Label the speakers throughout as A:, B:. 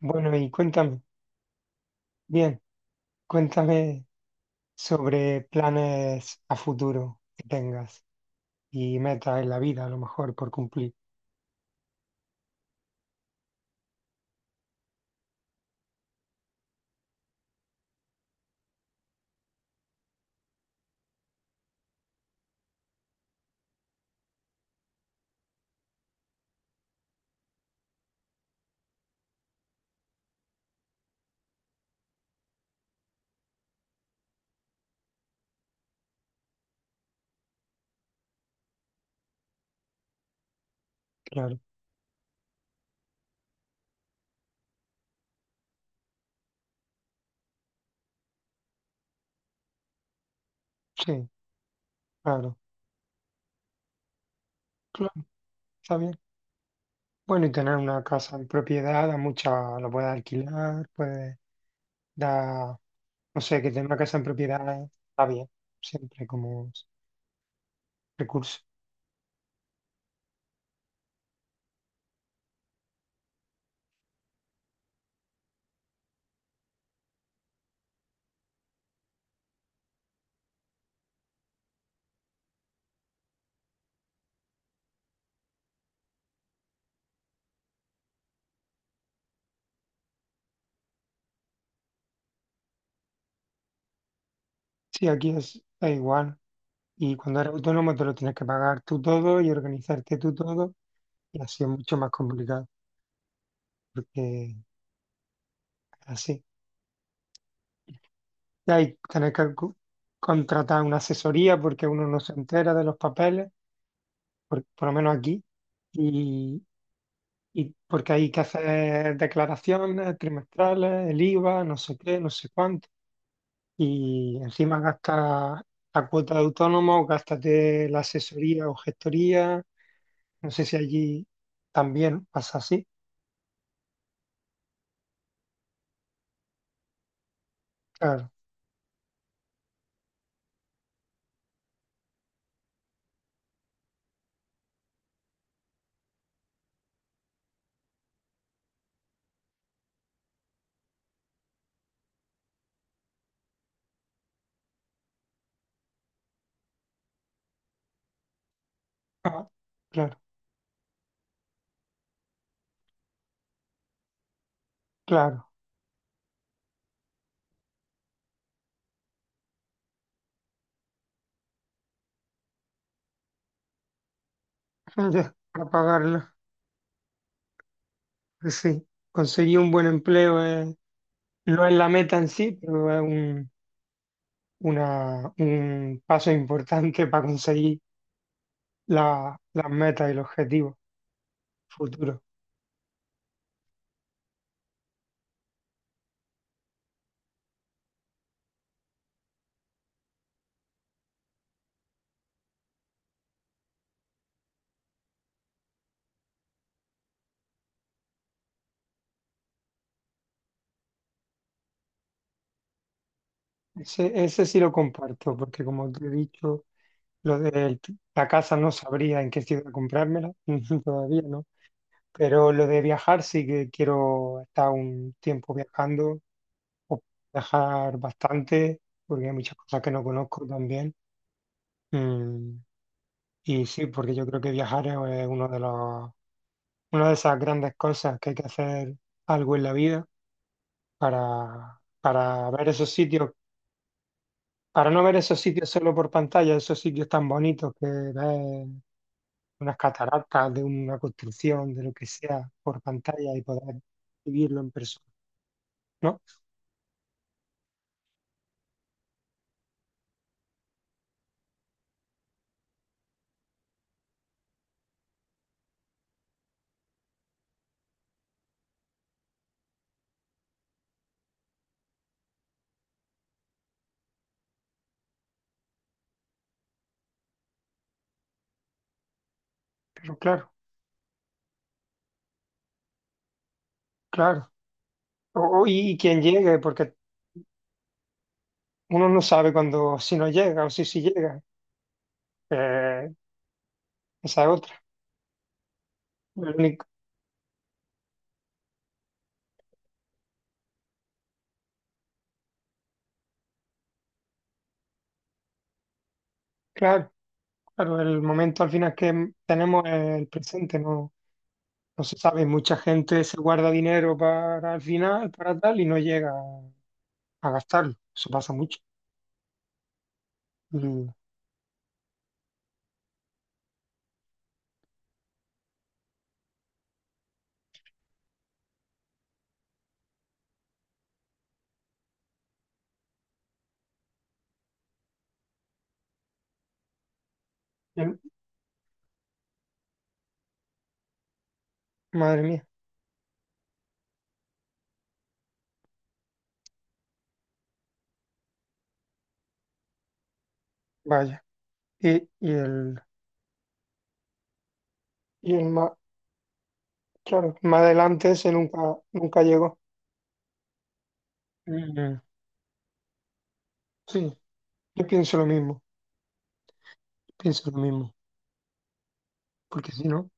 A: Bueno, y cuéntame, bien, cuéntame sobre planes a futuro que tengas y metas en la vida, a lo mejor por cumplir, claro. Sí, claro, claro, está bien. Bueno, y tener una casa en propiedad, a mucha lo puedes alquilar, puedes dar, no sé, que tener una casa en propiedad está bien, siempre como recurso. Sí, aquí es, da igual. Y cuando eres autónomo te lo tienes que pagar tú todo y organizarte tú todo, y así es mucho más complicado, porque así. Y ahí tenés que contratar una asesoría porque uno no se entera de los papeles, por lo menos aquí, y, y porque hay que hacer declaraciones trimestrales, el IVA, no sé qué, no sé cuánto, y encima gastas la cuota de autónomo, gástate la asesoría o gestoría, no sé si allí también pasa así, claro, ah, claro, claro. Ya, para pagarlo, sí, conseguir un buen empleo es... No es la meta en sí, pero es un, una, un paso importante para conseguir las metas y los objetivos futuros. Ese sí lo comparto, porque como te he dicho, lo de la casa no sabría en qué ciudad comprármela, todavía no. Pero lo de viajar sí que quiero estar un tiempo viajando, o viajar bastante, porque hay muchas cosas que no conozco también. Mm, y sí, porque yo creo que viajar es uno de los, una de esas grandes cosas que hay que hacer algo en la vida para ver esos sitios, para no ver esos sitios solo por pantalla, esos sitios tan bonitos que ves unas cataratas de una construcción, de lo que sea, por pantalla y poder vivirlo en persona, ¿no? Pero claro, claro. Y, y quien llegue, porque uno no sabe cuando, si no llega o si sí llega. Eh, Esa es otra. El único- claro, claro, el momento al final que tenemos es el presente, no, no se sabe, mucha gente se guarda dinero para el final, para tal, y no llega a gastarlo. Eso pasa mucho. Y el- madre mía, vaya. Y, y el, y el más, claro, más adelante ese nunca, nunca llegó. Mm, sí, yo pienso lo mismo, pienso lo mismo. Porque si no,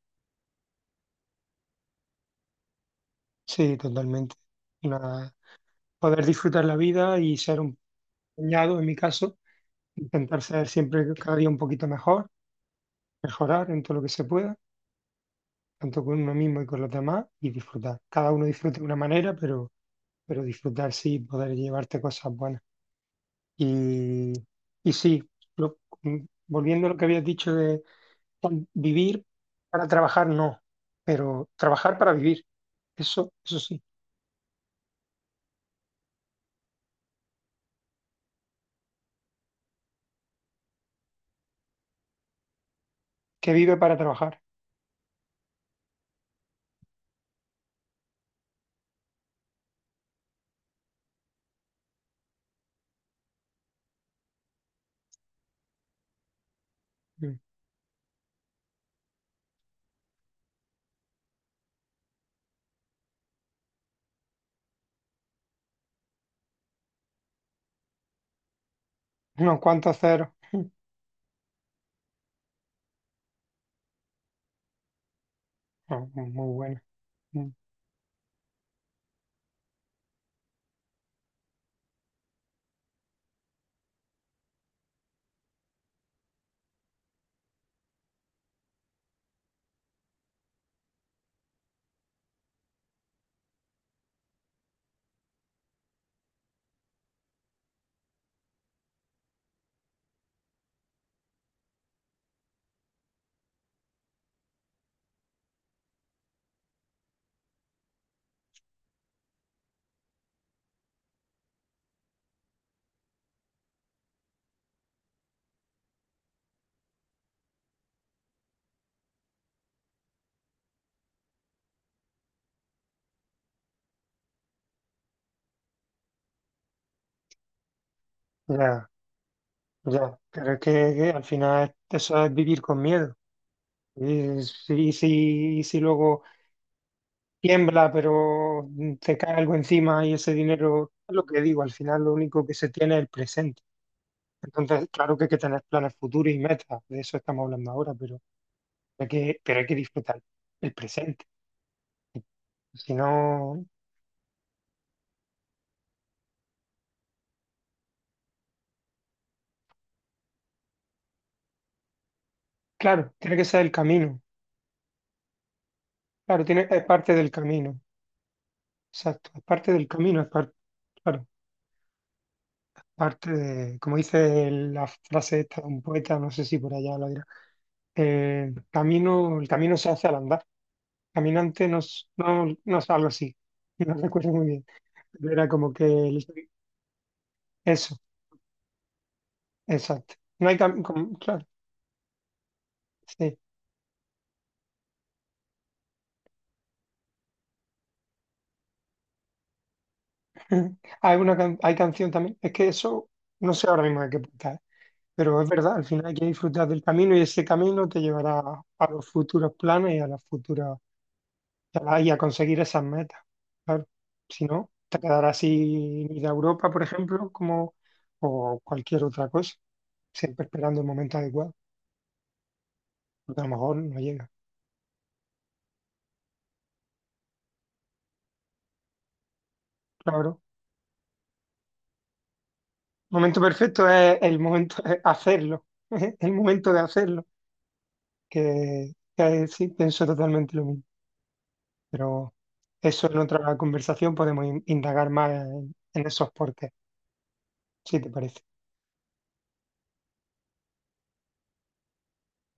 A: sí, totalmente. Una- Poder disfrutar la vida y ser un puñado, en mi caso, intentar ser siempre cada día un poquito mejor, mejorar en todo lo que se pueda, tanto con uno mismo y con los demás, y disfrutar. Cada uno disfruta de una manera, pero disfrutar sí, poder llevarte cosas buenas. Y, y sí, volviendo a lo que habías dicho de vivir para trabajar, no, pero trabajar para vivir, eso sí, que vive para trabajar. Mm. Unos cuantos ceros, no, muy muy bueno. Mm. Ya, ya, pero es que al final eso es vivir con miedo. Y si, si, y si luego tiembla, pero te cae algo encima y ese dinero, es lo que digo, al final lo único que se tiene es el presente. Entonces, claro que hay que tener planes futuros y metas, de eso estamos hablando ahora, pero hay que disfrutar el presente. Si no, claro, tiene que ser el camino. Claro, tiene, es parte del camino. Exacto, es parte del camino, es parte, claro, parte de, como dice la frase esta de un poeta, no sé si por allá lo dirá, camino, el camino se hace al andar. Caminante no, no, no es algo así, no recuerdo muy bien, pero era como que eso, exacto. No hay claro. Sí. Mm. Hay una hay canción también. Es que eso no sé ahora mismo de qué punta es, pero es verdad, al final hay que disfrutar del camino y ese camino te llevará a los futuros planes y a las futuras y a conseguir esas metas. Claro. Si no, te quedarás sin ir a Europa, por ejemplo, como o cualquier otra cosa, siempre esperando el momento adecuado, porque a lo mejor no llega. Claro. Momento perfecto es el momento de hacerlo, el momento de hacerlo, que sí, pienso totalmente lo mismo. Pero eso en otra conversación podemos indagar más en esos porqués, si te parece.